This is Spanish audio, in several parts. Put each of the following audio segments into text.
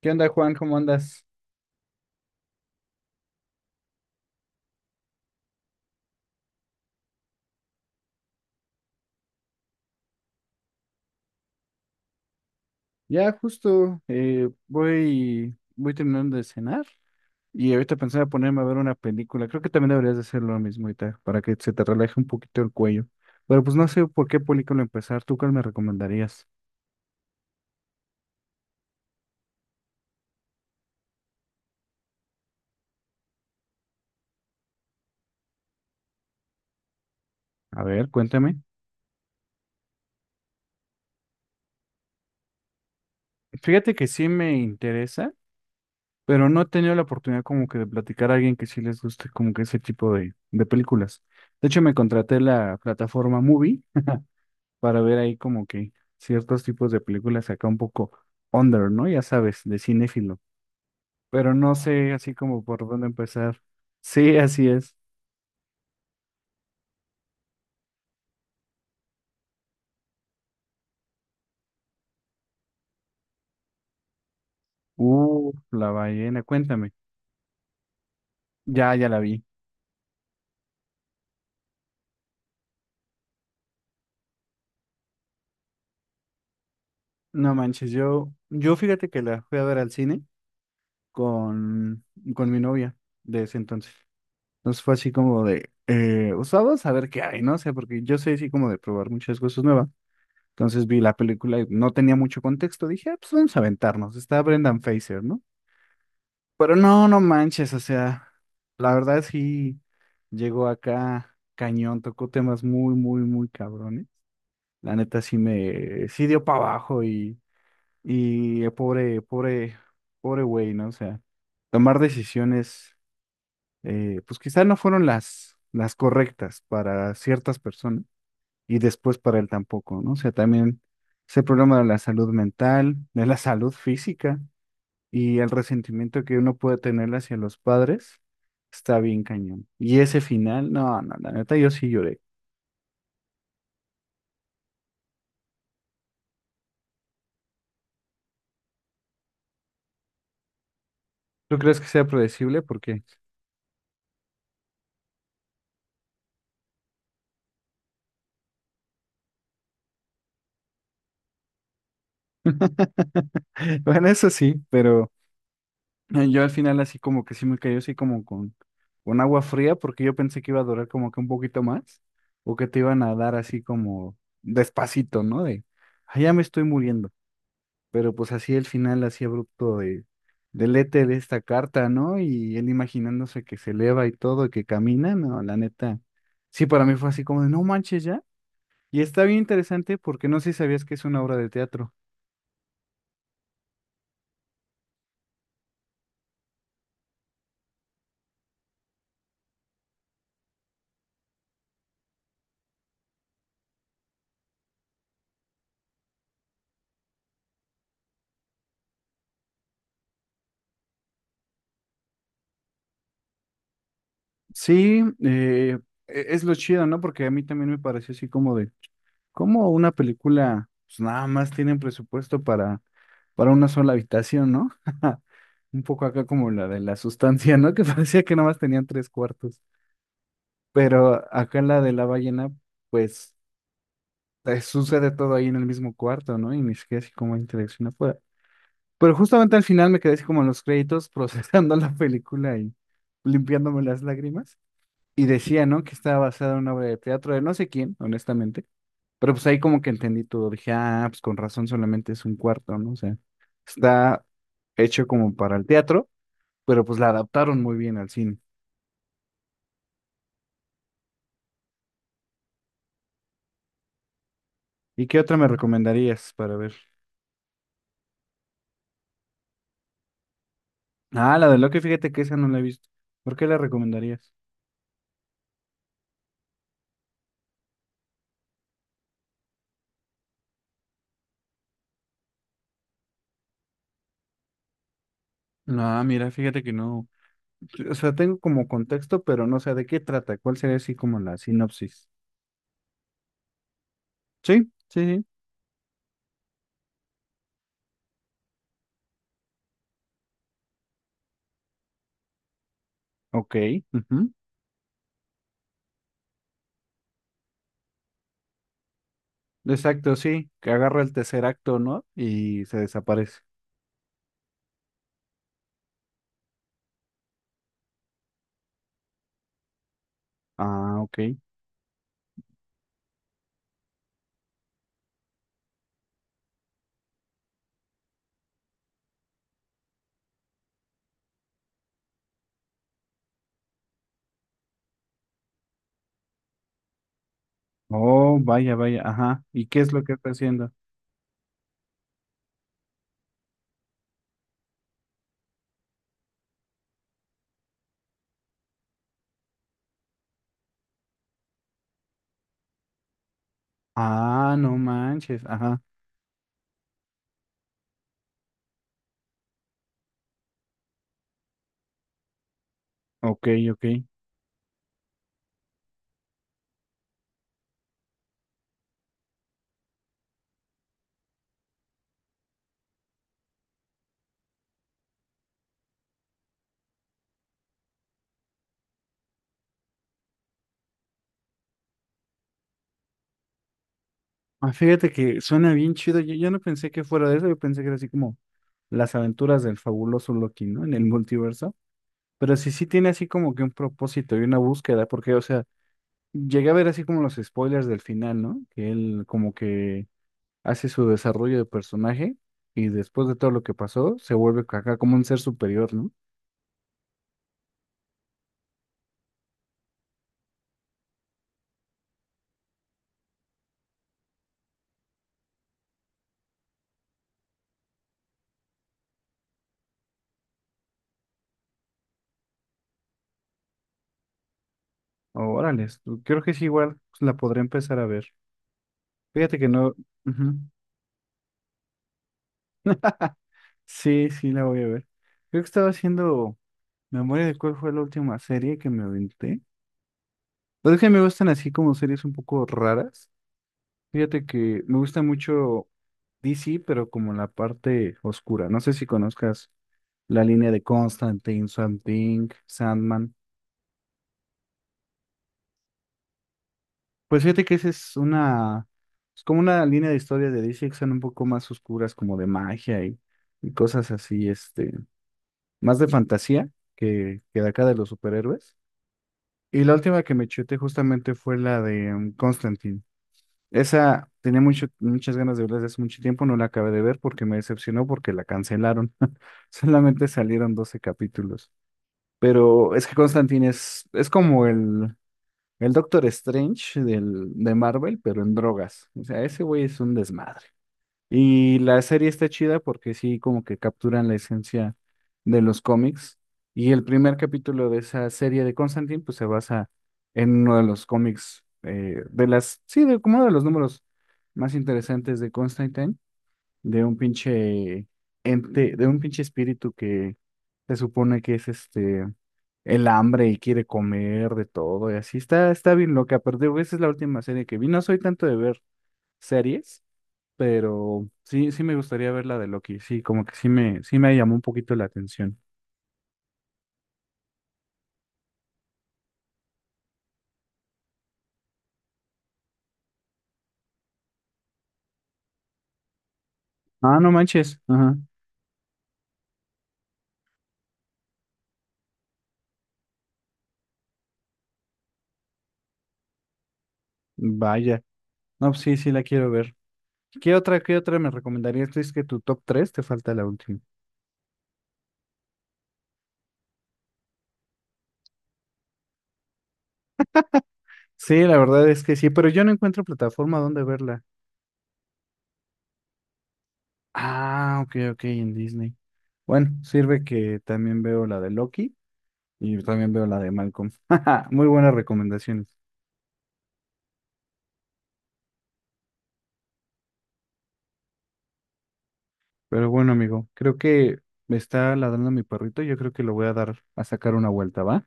¿Qué onda, Juan? ¿Cómo andas? Ya justo voy terminando de cenar y ahorita pensaba ponerme a ver una película. Creo que también deberías de hacer lo mismo ahorita para que se te relaje un poquito el cuello. Pero pues no sé por qué película empezar. ¿Tú cuál me recomendarías? A ver, cuéntame. Fíjate que sí me interesa, pero no he tenido la oportunidad como que de platicar a alguien que sí les guste como que ese tipo de películas. De hecho, me contraté la plataforma Movie para ver ahí como que ciertos tipos de películas acá un poco under, ¿no? Ya sabes, de cinéfilo. Pero no sé así como por dónde empezar. Sí, así es. La ballena, cuéntame. Ya la vi. No manches, yo fíjate que la fui a ver al cine con, con mi novia de ese entonces. Entonces fue así como de, pues vamos a ver qué hay, ¿no? O sea, porque yo soy así como de probar muchas cosas nuevas. Entonces vi la película y no tenía mucho contexto. Dije, "Ah, pues vamos a aventarnos. Está Brendan Fraser, ¿no? Pero no, no manches, o sea, la verdad sí llegó acá cañón, tocó temas muy, muy, muy cabrones. La neta sí me, sí dio para abajo y pobre, pobre, pobre güey, ¿no? O sea, tomar decisiones, pues quizás no fueron las correctas para ciertas personas y después para él tampoco, ¿no? O sea, también ese problema de la salud mental, de la salud física y el resentimiento que uno puede tener hacia los padres está bien cañón. Y ese final, no, no, la neta, yo sí lloré. ¿Tú crees que sea predecible? Porque, bueno, eso sí, pero yo al final así como que sí me cayó así como con agua fría porque yo pensé que iba a durar como que un poquito más o que te iban a dar así como despacito, ¿no? De, "Ah, ya me estoy muriendo. Pero pues así el final, así abrupto de, del éter de esta carta, ¿no? Y él imaginándose que se eleva y todo, y que camina, no, la neta. Sí, para mí fue así como de, no manches ya. Y está bien interesante porque no sé si sabías que es una obra de teatro. Sí, es lo chido, ¿no? Porque a mí también me pareció así como de, como una película, pues nada más tienen presupuesto para una sola habitación, ¿no? Un poco acá como la de la sustancia, ¿no? Que parecía que nada más tenían tres cuartos. Pero acá en la de la ballena, pues sucede todo ahí en el mismo cuarto, ¿no? Y ni siquiera así como interacción afuera. Pero justamente al final me quedé así como en los créditos procesando la película y limpiándome las lágrimas. Y decía, ¿no? Que estaba basada en una obra de teatro de no sé quién, honestamente. Pero pues ahí como que entendí todo. Dije, ah, pues con razón solamente es un cuarto, ¿no? O sea, está hecho como para el teatro, pero pues la adaptaron muy bien al cine. ¿Y qué otra me recomendarías para ver? Ah, la de Loki, fíjate que esa no la he visto. ¿Por qué la recomendarías? No, mira, fíjate que no. O sea, tengo como contexto, pero no sé de qué trata. ¿Cuál sería así como la sinopsis? ¿Sí? Sí, sí. Ok. Ujú. Exacto, sí. Que agarra el tercer acto, ¿no? Y se desaparece. Ah, ok. Oh, vaya, vaya. Ajá. ¿Y qué es lo que está haciendo? Ah, no manches. Ajá. Ok, ok. Ah, fíjate que suena bien chido. Yo no pensé que fuera de eso. Yo pensé que era así como las aventuras del fabuloso Loki, ¿no? En el multiverso. Pero sí, sí tiene así como que un propósito y una búsqueda, porque, o sea, llegué a ver así como los spoilers del final, ¿no? Que él como que hace su desarrollo de personaje y después de todo lo que pasó, se vuelve acá como un ser superior, ¿no? Órale, creo que sí, igual pues, la podré empezar a ver. Fíjate que no. Ujú. Sí, sí, la voy a ver. Creo que estaba haciendo memoria de cuál fue la última serie que me aventé. Pero es que me gustan así como series un poco raras. Fíjate que me gusta mucho DC, pero como la parte oscura. No sé si conozcas la línea de Constantine, Swamp Thing, Sandman. Pues fíjate que esa es una, es como una línea de historia de DC que son un poco más oscuras, como de magia y cosas así, este, más de fantasía que de acá de los superhéroes. Y la última que me chuté justamente fue la de Constantine. Esa tenía mucho, muchas ganas de verla desde hace mucho tiempo, no la acabé de ver porque me decepcionó porque la cancelaron. Solamente salieron 12 capítulos. Pero es que Constantine es como el Doctor Strange del, de Marvel, pero en drogas. O sea, ese güey es un desmadre. Y la serie está chida porque sí, como que capturan la esencia de los cómics. Y el primer capítulo de esa serie de Constantine, pues se basa en uno de los cómics, de las, sí, de, como uno de los números más interesantes de Constantine, de un pinche ente, de un pinche espíritu que se supone que es este, el hambre y quiere comer de todo y así. Está, está bien loca, pero digo, esa es la última serie que vi. No soy tanto de ver series. Pero sí, sí me gustaría ver la de Loki. Sí, como que sí me llamó un poquito la atención. Ah, no manches. Ajá. Vaya. No, pues sí, sí la quiero ver. Qué otra me recomendarías? Es que tu top 3 te falta la última. Sí, la verdad es que sí, pero yo no encuentro plataforma donde verla. Ah, ok, ok, en Disney. Bueno, sirve que también veo la de Loki y también veo la de Malcolm. Muy buenas recomendaciones. Pero bueno, amigo, creo que me está ladrando mi perrito. Yo creo que lo voy a dar a sacar una vuelta, ¿va?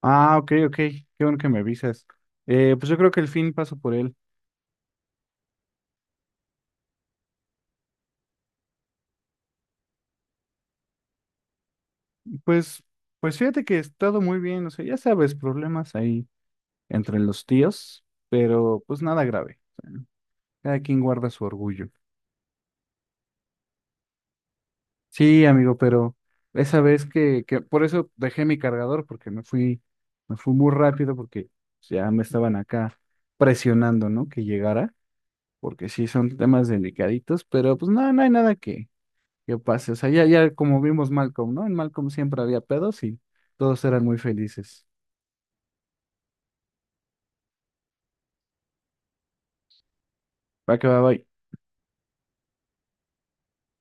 Ah, ok, ok, qué bueno que me avisas. Pues yo creo que el fin paso por él. Pues, pues fíjate que he estado muy bien, o sea, ya sabes, problemas ahí entre los tíos, pero pues nada grave. Cada quien guarda su orgullo. Sí, amigo, pero esa vez que por eso dejé mi cargador, porque me fui muy rápido, porque ya me estaban acá presionando, ¿no? Que llegara, porque sí son temas delicaditos, pero pues no, no hay nada que pase. O sea, ya, ya como vimos Malcolm, ¿no? En Malcolm siempre había pedos y todos eran muy felices. Va que va, bye.